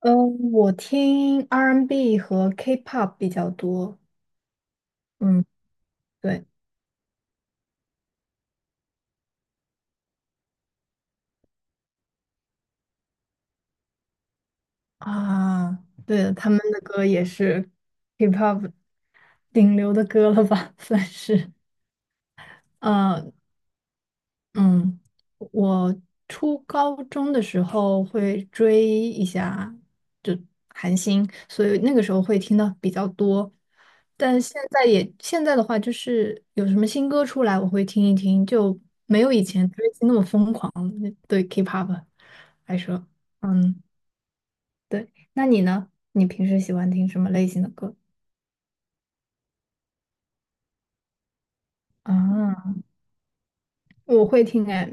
嗯，我听 R&B 和 K-pop 比较多。嗯，对，啊，对的，他们的歌也是 K-pop 顶流的歌了吧，算是。嗯。嗯，我初高中的时候会追一下，就韩星，所以那个时候会听的比较多。但现在的话，就是有什么新歌出来，我会听一听，就没有以前追星那么疯狂。对 K-pop 来说，嗯，对。那你呢？你平时喜欢听什么类型的歌？啊，我会听哎，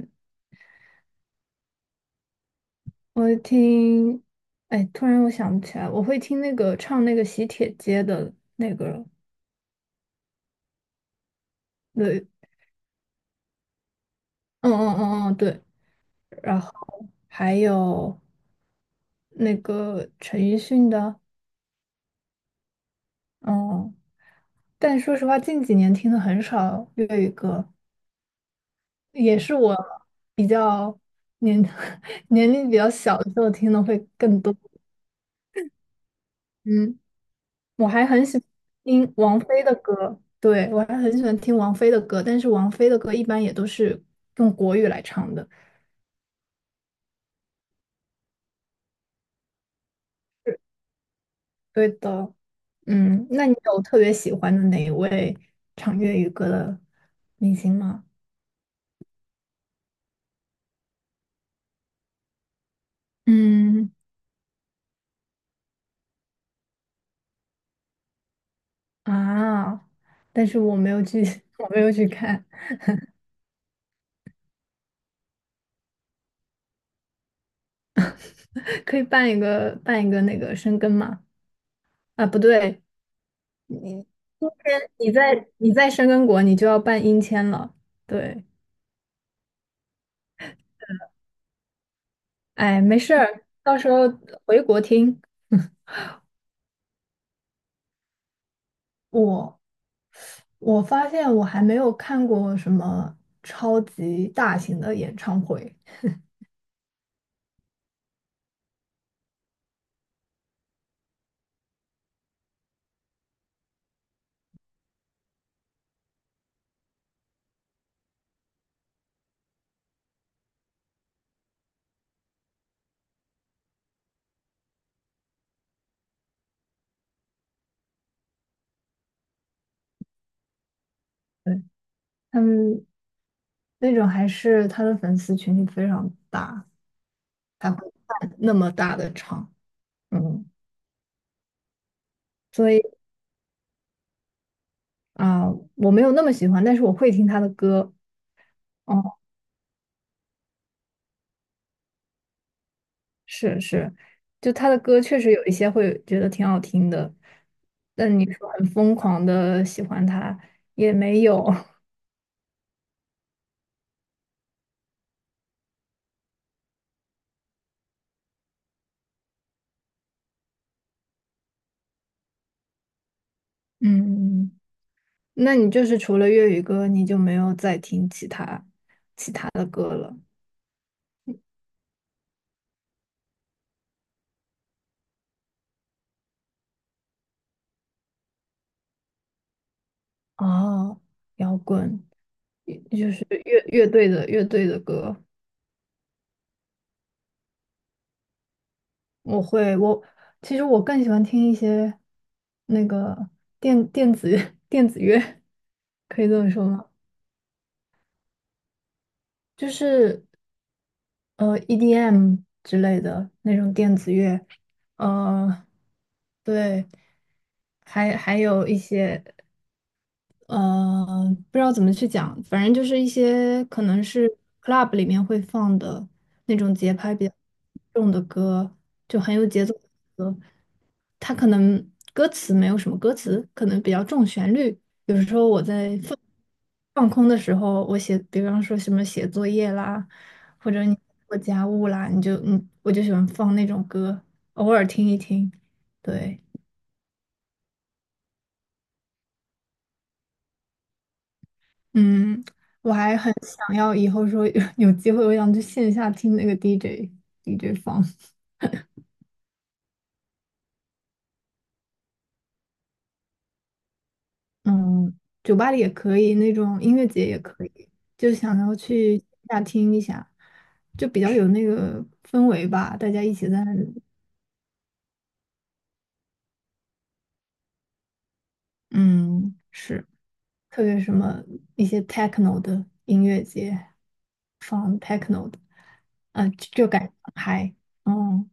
我会听，哎，突然我想不起来，我会听那个唱那个喜帖街的那个人，对，嗯嗯嗯嗯，对，然后还有那个陈奕迅的，嗯，但说实话，近几年听的很少粤语歌，也是我比较年 年龄比较小的时候听的会更多，嗯。我还很喜欢听王菲的歌，对，我还很喜欢听王菲的歌，但是王菲的歌一般也都是用国语来唱的。是对的，嗯，那你有特别喜欢的哪一位唱粤语歌的明星吗？嗯啊，但是我没有去，我没有去看，可以办一个那个深根吗？啊，不对，你今天你在深根国，你就要办英签了，对。哎，没事儿，到时候回国听。我我发现我还没有看过什么超级大型的演唱会，对，他们那种还是他的粉丝群体非常大，才会办那么大的场。嗯，所以啊，我没有那么喜欢，但是我会听他的歌。哦，是是，就他的歌确实有一些会觉得挺好听的，但你说很疯狂的喜欢他也没有。嗯。那你就是除了粤语歌，你就没有再听其他哦，摇滚，也就是乐队的歌。我其实更喜欢听一些那个电子 电子乐，可以这么说吗？就是EDM 之类的那种电子乐，呃，对，还有一些。呃，不知道怎么去讲，反正就是一些可能是 club 里面会放的那种节拍比较重的歌，就很有节奏的歌。它可能歌词没有什么歌词，可能比较重旋律。有时候我在放空的时候，比方说什么写作业啦，或者你做家务啦，你就嗯，我就喜欢放那种歌，偶尔听一听。对。嗯，我还很想要以后说有 有机会，我想去线下听那个 DJ 放，嗯，酒吧里也可以，那种音乐节也可以，就想要去线下听一下，就比较有那个氛围吧，大家一起在那里，嗯，是，特别什么一些 techno 的音乐节放 techno 的，嗯、就感觉很嗨，嗯，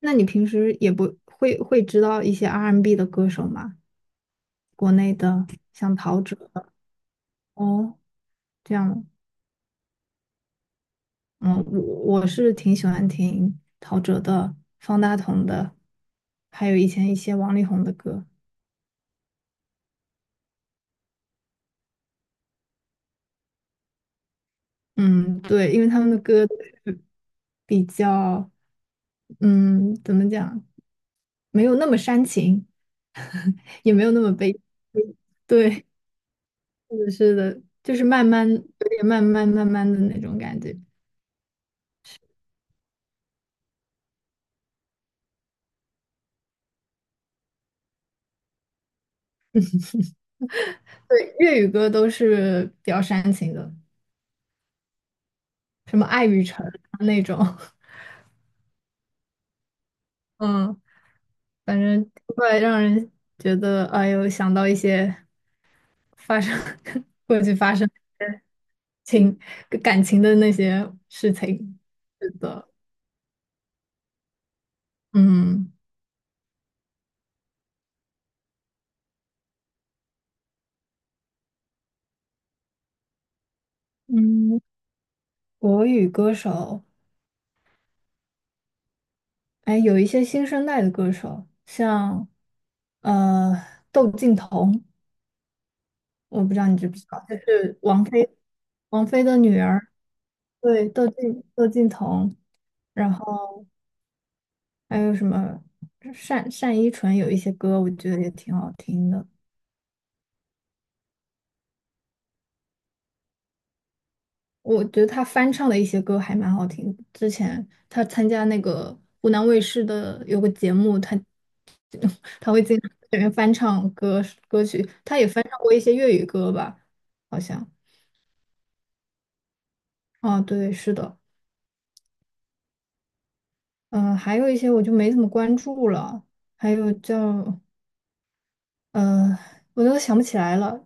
那你平时也不会会知道一些 R&B 的歌手吗？国内的，像陶喆的哦，这样，嗯，我是挺喜欢听陶喆的、方大同的，还有以前一些王力宏的歌，嗯，对，因为他们的歌就是比较，嗯，怎么讲，没有那么煽情，也没有那么悲，对，是的，是的，就是慢慢，有点慢慢慢慢的那种感觉。对，粤语歌都是比较煽情的，什么《爱与诚》啊那种，嗯。反正会让人觉得，哎呦，想到一些发生 过去发生的情感情的那些事情。是的，嗯嗯，国语歌手，哎，有一些新生代的歌手，像呃窦靖童，我不知道你知不知道，就是王菲的女儿，对，窦靖童，然后还有什么单单依纯有一些歌，我觉得也挺好听的。我觉得他翻唱的一些歌还蛮好听的之前他参加那个湖南卫视的有个节目，他会经常在里面翻唱歌曲，他也翻唱过一些粤语歌吧，好像。啊，对，是的，嗯、还有一些我就没怎么关注了，还有叫呃，我都想不起来了。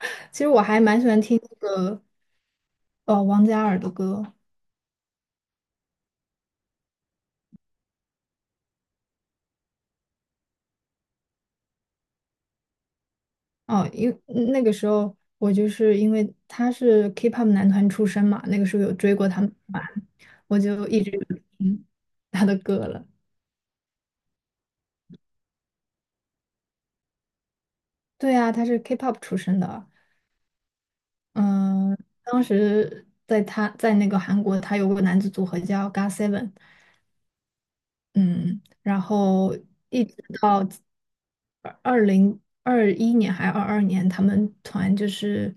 其实我还蛮喜欢听那个王嘉尔的歌，哦，那个时候我就是因为他是 K-pop 男团出身嘛，那个时候有追过他们团，我就一直有听他的歌了。对啊，他是 K-pop 出身的，嗯，当时在他在那个韩国，他有个男子组合叫 GOT7。嗯，然后一直到2021年还是22年，他们团就是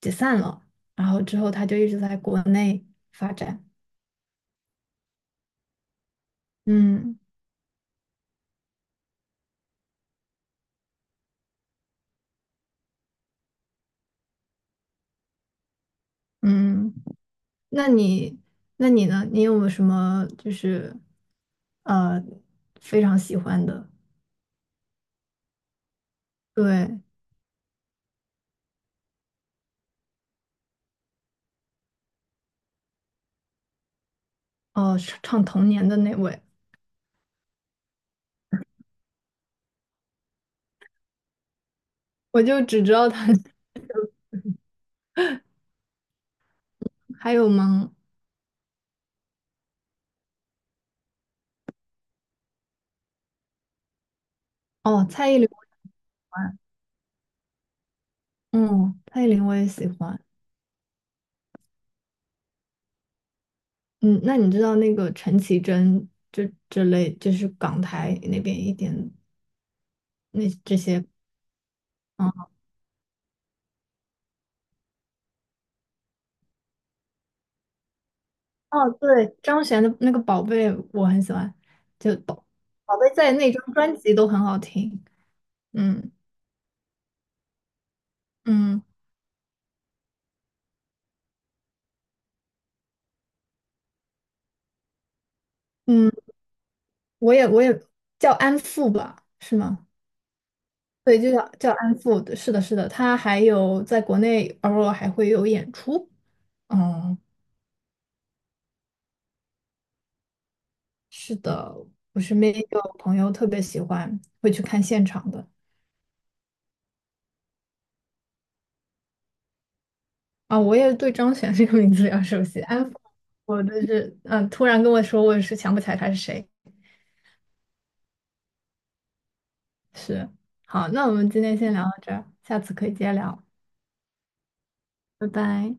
解散了，然后之后他就一直在国内发展，嗯。嗯，那你那你呢？你有没有什么就是呃非常喜欢的？对，哦，唱唱童年的那位，我就只知道他，还有吗？哦，蔡依林我也喜欢，嗯，蔡依林我也喜欢。嗯，那你知道那个陈绮贞这这类，就是港台那边一点那这些，嗯，哦，对，张悬的那个《宝贝》我很喜欢，就宝《宝贝》在那张专辑都很好听。嗯嗯嗯，我也叫安富吧，是吗？对，就叫安富，对是的，是的，他还有在国内偶尔还会有演出。嗯，是的，我身边也有朋友特别喜欢，会去看现场的。啊，我也对张悬这个名字比较熟悉，安富，我真是，嗯，突然跟我说，我也是想不起来他是谁。是，好，那我们今天先聊到这儿，下次可以接着聊，拜拜。